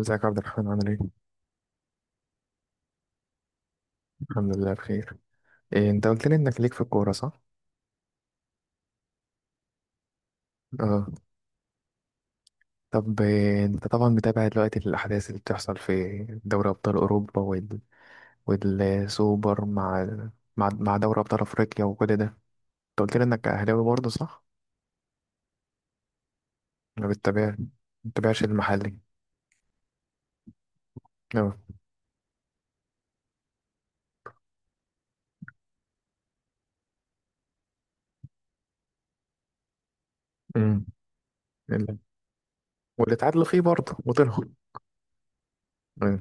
ازيك يا عبد الرحمن عامل ايه؟ الحمد لله بخير. إيه انت قلت لي انك ليك في الكورة صح؟ اه. طب إيه انت طبعا متابع دلوقتي الأحداث اللي بتحصل في دوري أبطال أوروبا وال... والسوبر مع دوري أبطال أفريقيا وكل ده انت قلت لي انك أهلاوي برضه صح؟ ما بتتابعش المحلي. اه. امم. ال- واللي اتعادلوا فيه برضه وطلعوا. أمم.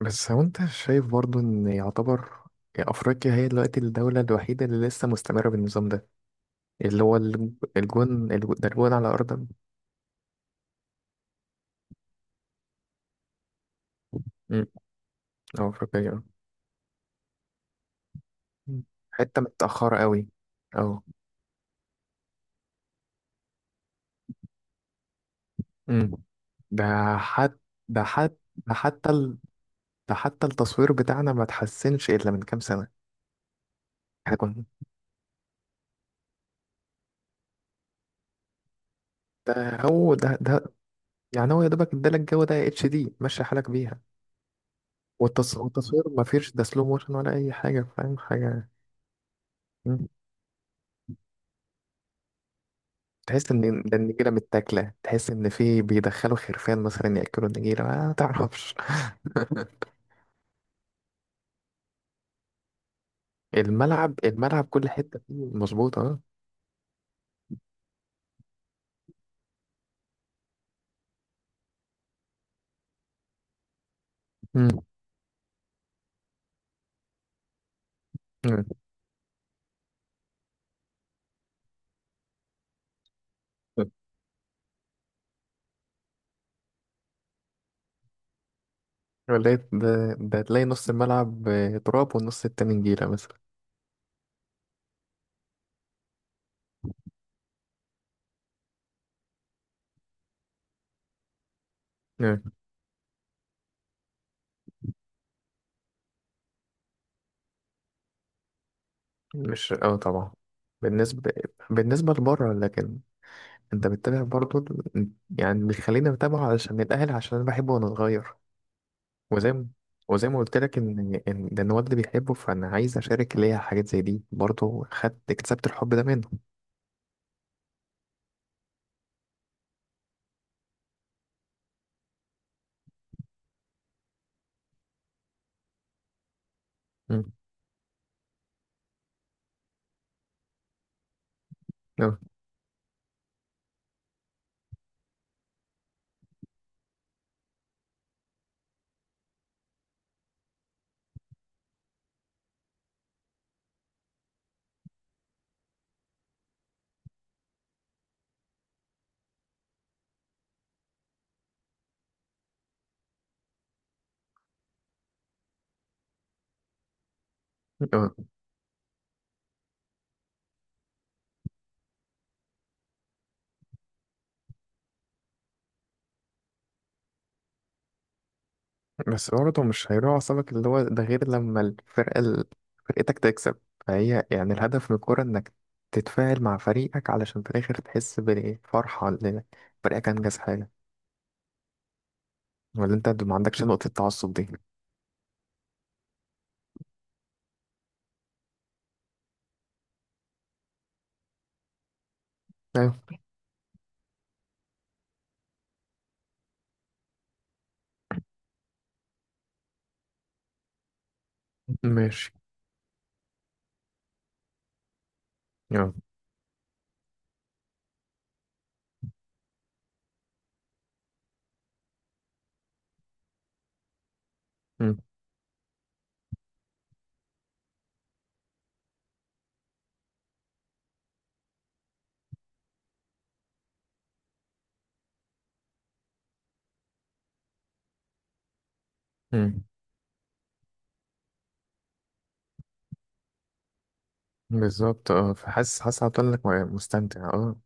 بس هو انت شايف برضه ان يعتبر أفريقيا هي دلوقتي الدولة الوحيدة اللي لسه مستمرة بالنظام ده، اللي هو ده الجون على أرض. أمم، أه أفريقية أه. أمم. حتة متأخرة قوي. أه. أمم. ده حت ده حت ده حتى ال... ده حتى التصوير بتاعنا ما تحسنش إلا من كام سنة. احنا كنا، ده ده يعني هو يا دوبك ادالك الجو ده اتش دي ماشي حالك بيها. والتصوير ما فيش ده سلو موشن ولا أي حاجة، فاهم حاجة. أمم. تحس ان ده النجيله متاكله، تحس ان في بيدخلوا خرفان مثلا ياكلوا النجيله ما تعرفش. الملعب كل حتة فيه مظبوطة اه. مم. مم. ولا إيه؟ ده تلاقي نص الملعب تراب والنص التاني نجيلة مثلا. مم. مش اه طبعا. بالنسبة، بالنسبة لبره. لكن انت بتتابع برضه ال- يعني بيخليني اتابعه علشان الاهلي، عشان انا بحبه وانا صغير. وزي ما وزي ما قلت لك ان ده الواد اللي بيحبه، فانا عايز اشارك ليا حاجات زي دي، برضه خدت اكتسبت الحب ده منه. مم. اه اه بس برضه مش هيروح أعصابك، اللي هو ده غير لما فرقتك تكسب، فهي يعني الهدف من الكورة إنك تتفاعل مع فريقك علشان في الآخر تحس بالفرحة اللي فريقك أنجز حاجة، ولا أنت ما عندكش نقطة التعصب دي؟ أيوه. ماشي. أه. أمم، أمم. بالظبط أه، فحاسس، حاسس هتقول لك مستمتع أه.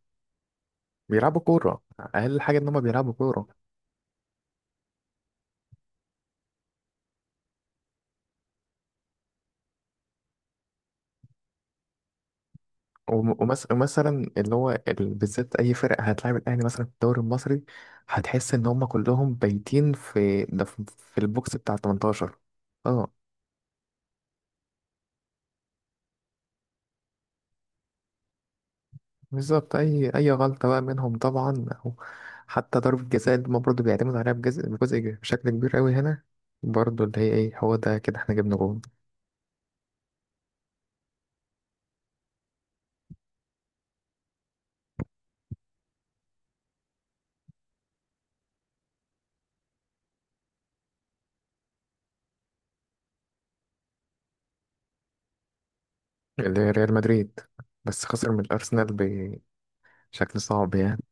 بيلعبوا كورة أقل حاجة إن هما بيلعبوا كورة. ومثلا اللي هو بالذات اي فرق هتلاعب الاهلي مثلا في الدوري المصري هتحس ان هم كلهم بايتين في ده في البوكس بتاع 18. اه بالظبط اي غلطه بقى منهم طبعا، أو حتى ضربه جزاء اللي هما برضه بيعتمد عليها بشكل كبير قوي هنا، برضه اللي هي ايه هو ده كده احنا جبنا جول. اللي هي ريال مدريد بس خسر من الارسنال بشكل صعب يعني.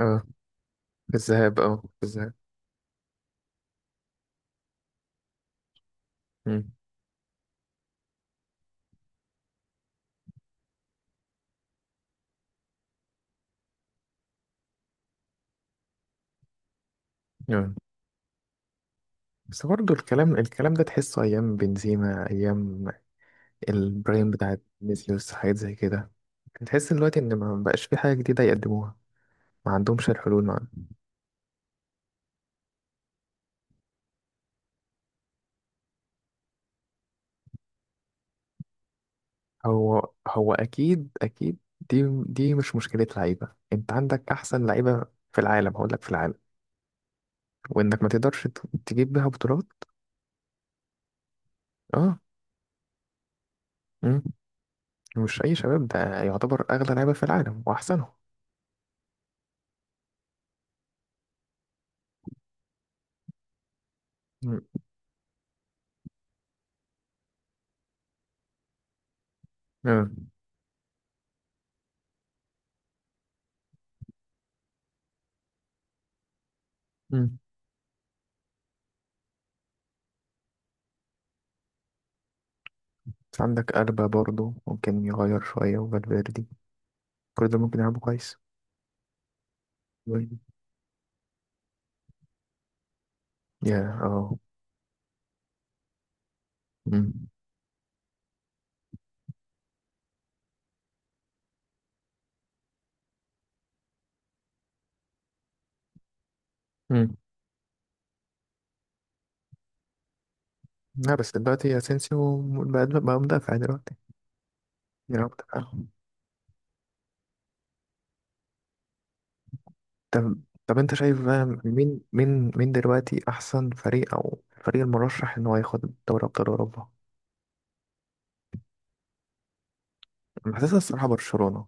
اه في الذهاب، اه في الذهاب. مم. آه. بس برضه الكلام ده تحسه أيام بنزيما، أيام البرايم بتاعت فينيسيوس، حاجات زي كده. تحس دلوقتي إن ما بقاش في حاجة جديدة يقدموها، ما عندهمش الحلول ما. هو أكيد دي مش مشكلة لعيبة، أنت عندك أحسن لعيبة في العالم، هقول لك في العالم، وإنك ما تقدرش تجيب بيها بطولات. أه. مم. مش أي شباب، ده يعتبر أغلى لعيبة في العالم وأحسنهم. مم. مم. مم. بس عندك ألبا برضه ممكن يغير شوية، وفالفيردي كل ده ممكن يلعبوا كويس. يا اه. مم. مم. لا بس دلوقتي اسينسيو بقى مدافع دلوقتي، بيلعب مدافع. طب، طب انت شايف بقى مين دلوقتي احسن فريق، او الفريق المرشح ان هو ياخد دوري ابطال اوروبا؟ أنا حاسسها الصراحه برشلونه.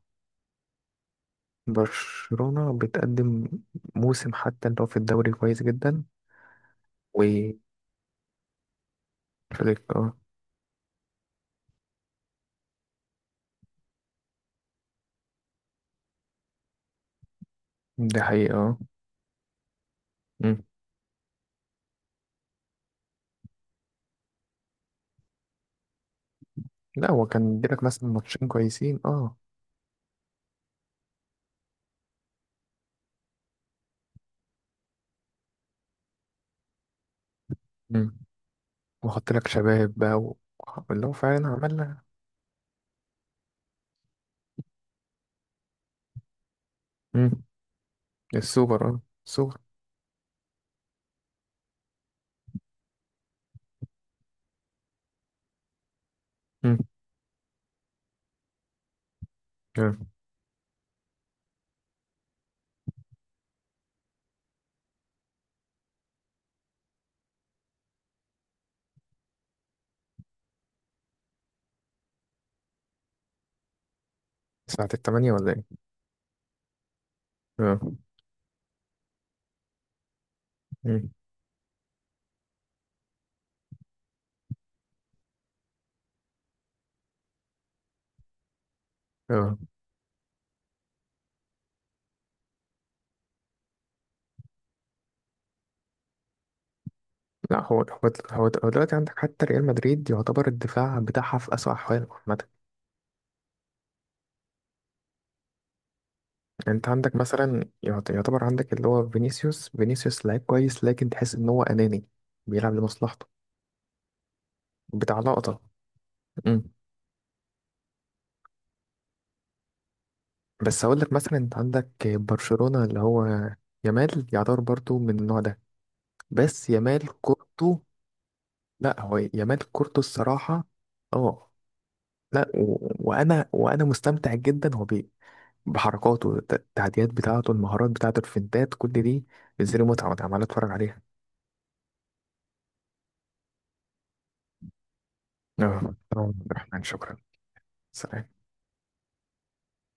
برشلونه بتقدم موسم حتى لو في الدوري كويس جدا، وفليك. اه. دي حقيقه اه. مم. لا هو كان بيلك مثلا ماتشين كويسين اه. واحط لك شباب بقى و... اللي هو فعلا عملنا. مم. السوبر اه السوبر. مم. اه. ساعة التمانية ولا ايه؟ اه. مم. اه. لا هو دلوقتي عندك حتى ريال مدريد يعتبر الدفاع بتاعها في أسوأ أحواله عامة. انت عندك مثلا يعتبر عندك اللي هو فينيسيوس، فينيسيوس لعيب كويس لكن تحس ان هو أناني، بيلعب لمصلحته، بتاع لقطة. مم. بس هقول لك مثلا انت عندك برشلونة، اللي هو يامال يعتبر برضو من النوع ده، بس يامال كورته. لا هو يامال كورته الصراحة اه. لا و... وانا مستمتع جدا هو بي... بحركاته التعديات بتاعته، المهارات بتاعته، الفنتات، كل دي بتزيد متعة وانا عمال اتفرج عليها. اه طبعاً. عبد الرحمن شكرا. سلام.